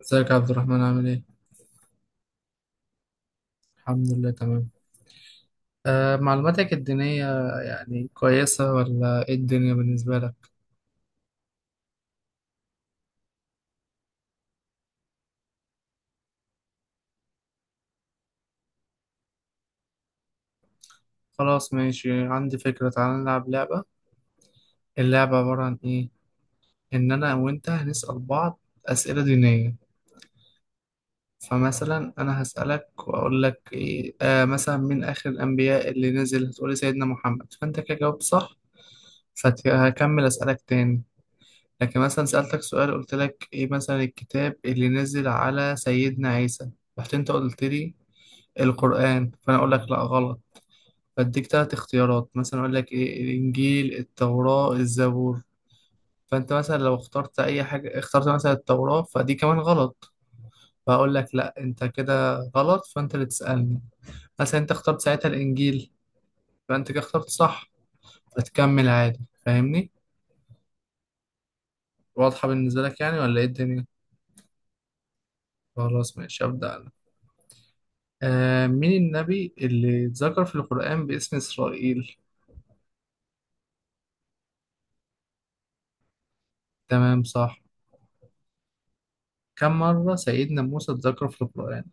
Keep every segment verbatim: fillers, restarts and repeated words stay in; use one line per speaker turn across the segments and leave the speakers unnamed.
ازيك يا عبد الرحمن، عامل ايه؟ الحمد لله تمام. آه، معلوماتك الدينية يعني كويسة، ولا ايه الدنيا بالنسبة لك؟ خلاص ماشي، عندي فكرة. تعال نلعب لعبة. اللعبة عبارة عن ايه؟ ان انا وانت هنسأل بعض اسئلة دينية. فمثلا انا هسألك واقول لك إيه، آه مثلا من اخر الانبياء اللي نزل، هتقولي سيدنا محمد، فانت كده جاوبت صح، فهكمل اسألك تاني. لكن مثلا سألتك سؤال، قلت لك ايه مثلا الكتاب اللي نزل على سيدنا عيسى، رحت انت قلت لي القرآن، فانا اقول لك لا غلط، فاديك تلات اختيارات، مثلا اقول لك ايه، الانجيل، التوراة، الزبور. فانت مثلا لو اخترت اي حاجة، اخترت مثلا التوراة، فدي كمان غلط، فاقول لك لا انت كده غلط، فانت اللي تسألني. مثلا انت اخترت ساعتها الانجيل، فانت كده اخترت صح، فتكمل عادي، فاهمني؟ واضحة بالنسبة لك يعني، ولا ايه الدنيا؟ خلاص ماشي، أبدأ. آه، مين النبي اللي اتذكر في القرآن باسم إسرائيل؟ تمام صح. كم مرة سيدنا موسى اتذكر في القرآن؟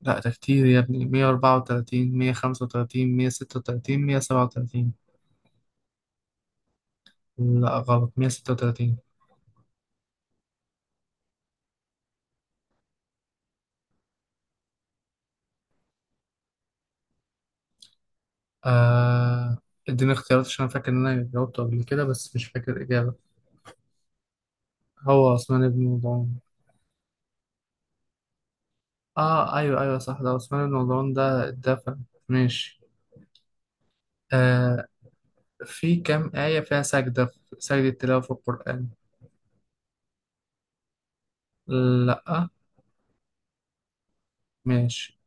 لا ده كتير يا ابني، مية واربعة وتلاتين، مية وخمسة وتلاتين، مية وستة وتلاتين، مية وسبعة وتلاتين. لا غلط، مية وستة وتلاتين. آه، اديني اختيارات عشان أنا فاكر إن أنا جاوبته قبل كده، بس مش فاكر الإجابة. هو عثمان بن مضعون. اه ايوه ايوه صح، ده عثمان بن مضعون ده اتدفن. ماشي. آه، في كم آية فيها سجدة، سجدة تلاوة في القرآن؟ لأ. ماشي،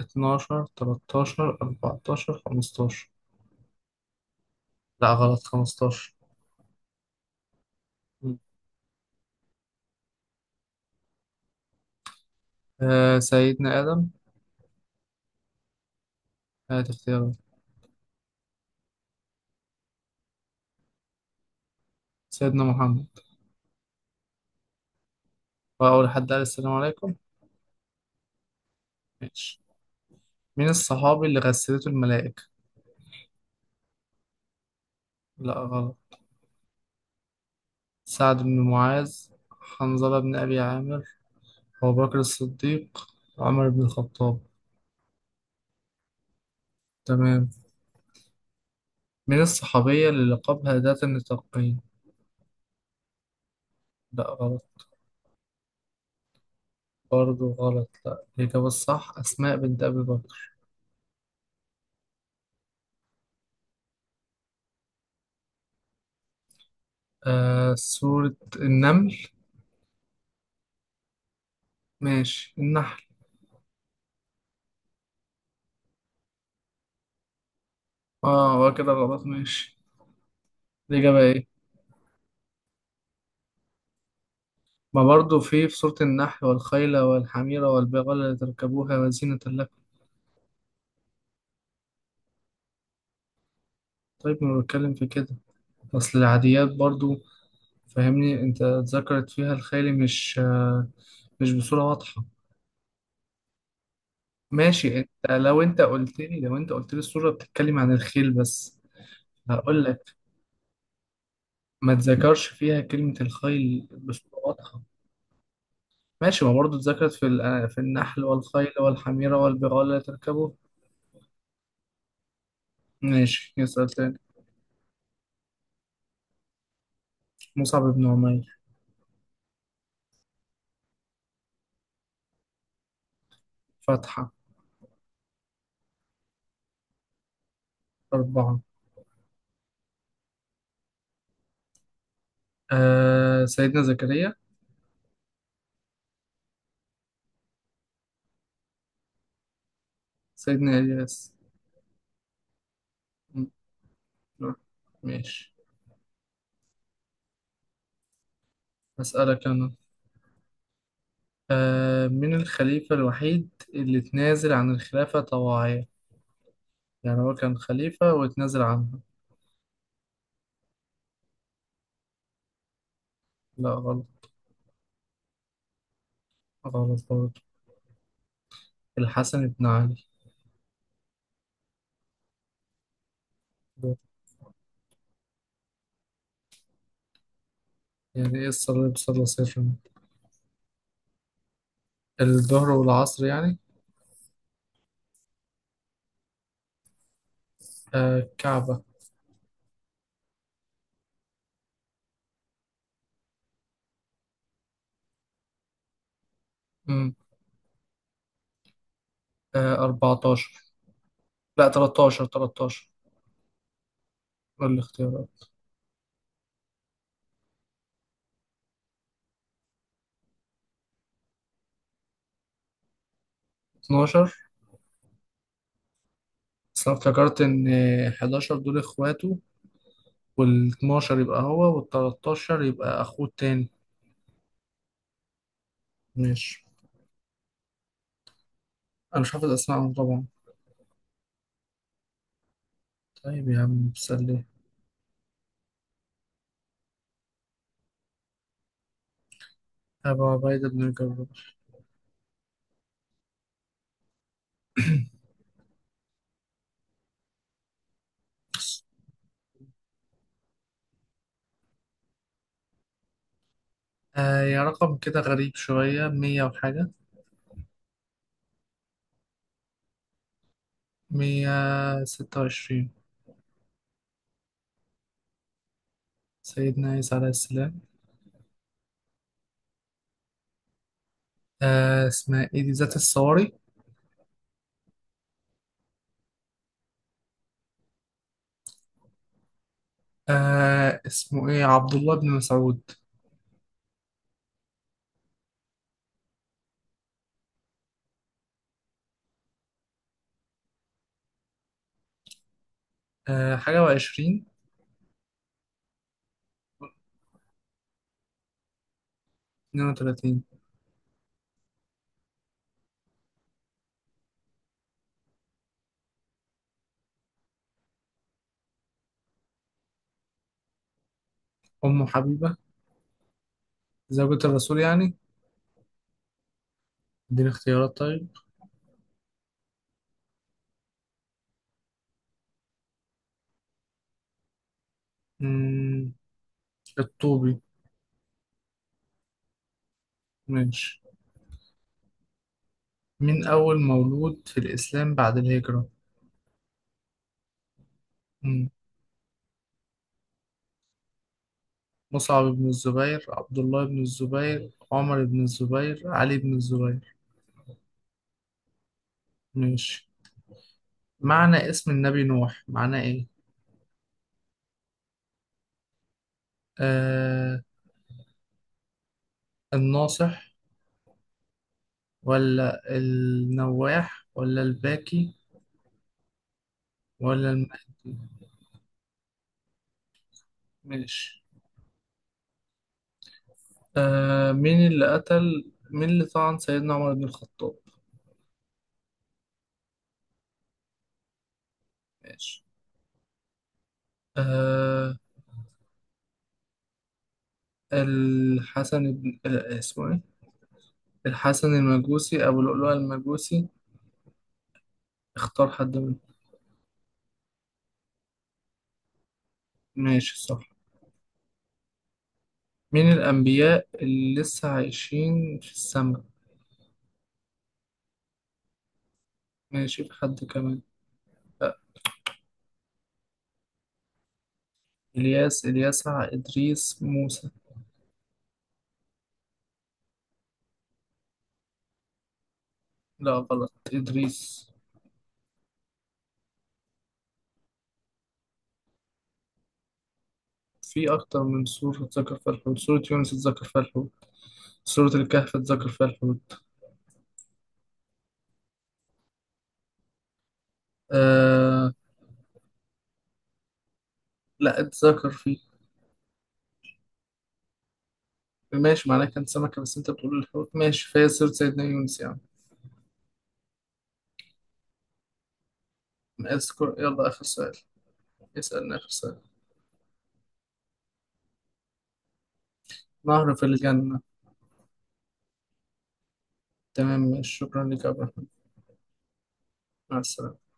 اتناشر، تلاتاشر، أربعتاشر، خمستاشر. لأ غلط، خمستاشر. آه، سيدنا آدم. هات اختيارات. سيدنا محمد. وأول حد قال السلام عليكم. ماشي. مين الصحابي اللي غسلته الملائكة؟ لأ غلط. سعد بن معاذ، حنظلة بن أبي عامر، أبو بكر الصديق، عمر بن الخطاب. تمام. مين الصحابية اللي لقبها ذات النطاقين؟ لأ غلط. برضه غلط. لأ الإجابة الصح أسماء بنت أبي بكر. آه، سورة النمل. ماشي، النحل. اه هو كده غلط، ماشي. الإجابة ايه؟ ما برضو في في سورة النحل، والخيل والحمير والبغال لتركبوها وزينة لكم. طيب ما بتكلم في كده أصل العاديات برضو. فاهمني، انت ذكرت فيها الخيل مش آه مش بصورة واضحة. ماشي، انت لو انت قلت لي، لو انت قلت لي السورة بتتكلم عن الخيل بس، هقول لك. ما تذكرش فيها كلمة الخيل بصورة واضحة. ماشي، ما برضه اتذكرت في ال- آه، في النحل والخيل والحميرة والبغال لا تركبوا. ماشي، يسأل تاني. مصعب بن عمير. فتحة. أربعة. آه، سيدنا زكريا. سيدنا إلياس. م- لا. ماشي. أسألك أنا. آه، من الخليفة الوحيد اللي اتنازل عن الخلافة طواعية، يعني هو كان خليفة واتنازل عنها؟ لا غلط. غلط برضه. الحسن بن علي. يعني إيه الصليب صلى سرا؟ الظهر والعصر يعني. آه، الكعبة. آه، اربعتاشر. لا، تلاتاشر، تلاتاشر دول الاختيارات. اتناشر. بس انا افتكرت ان حداشر دول اخواته، والاتناشر يبقى هو، والتلاتاشر يبقى اخوه التاني. ماشي. انا مش حافظ اسمائهم طبعا. طيب يا عم سلي. ابو عبيده بن الجراح. آه يا رقم كده غريب شويه، مية وحاجه. مية وستة وعشرين. سيدنا عيسى عليه السلام. آه اسمها ايه دي، ذات الصواري. آه اسمه ايه، عبد الله بن مسعود. آه، حاجة وعشرين. اتنين وتلاتين. أم حبيبة. زوجة الرسول يعني. اديني اختيارات طيب. مم، الطوبي. ماشي. مين أول مولود في الإسلام بعد الهجرة؟ مم. مصعب بن الزبير، عبد الله بن الزبير، عمر بن الزبير، علي بن الزبير. ماشي. معنى اسم النبي نوح، معنى إيه؟ آه، الناصح، ولا النواح، ولا الباكي، ولا المهدي. ماشي. آه مين اللي قتل مين اللي طعن سيدنا عمر بن الخطاب؟ ماشي. آه الحسن بن آه، اسمه ايه، الحسن المجوسي، أبو لؤلؤة المجوسي. اختار حد منهم. ماشي صح. مين الأنبياء اللي لسه عايشين في السماء؟ ماشي، في حد كمان؟ لا. إلياس، إلياسع، إدريس، موسى. لا غلط، إدريس. في أكتر من سورة اتذكر فيها الحوت، سورة يونس اتذكر فيها الحوت، سورة الكهف اتذكر فيها الحوت. آه، لا اتذكر فيه. ماشي، معناه كان سمكة، بس انت بتقول الحوت، ماشي، فهي سيرة سيدنا يونس يعني. اذكر، يلا آخر سؤال. اسألنا آخر سؤال. نهر في الجنة. تمام ماشي، شكرا لك يا عبد الرحمن. مع السلامة.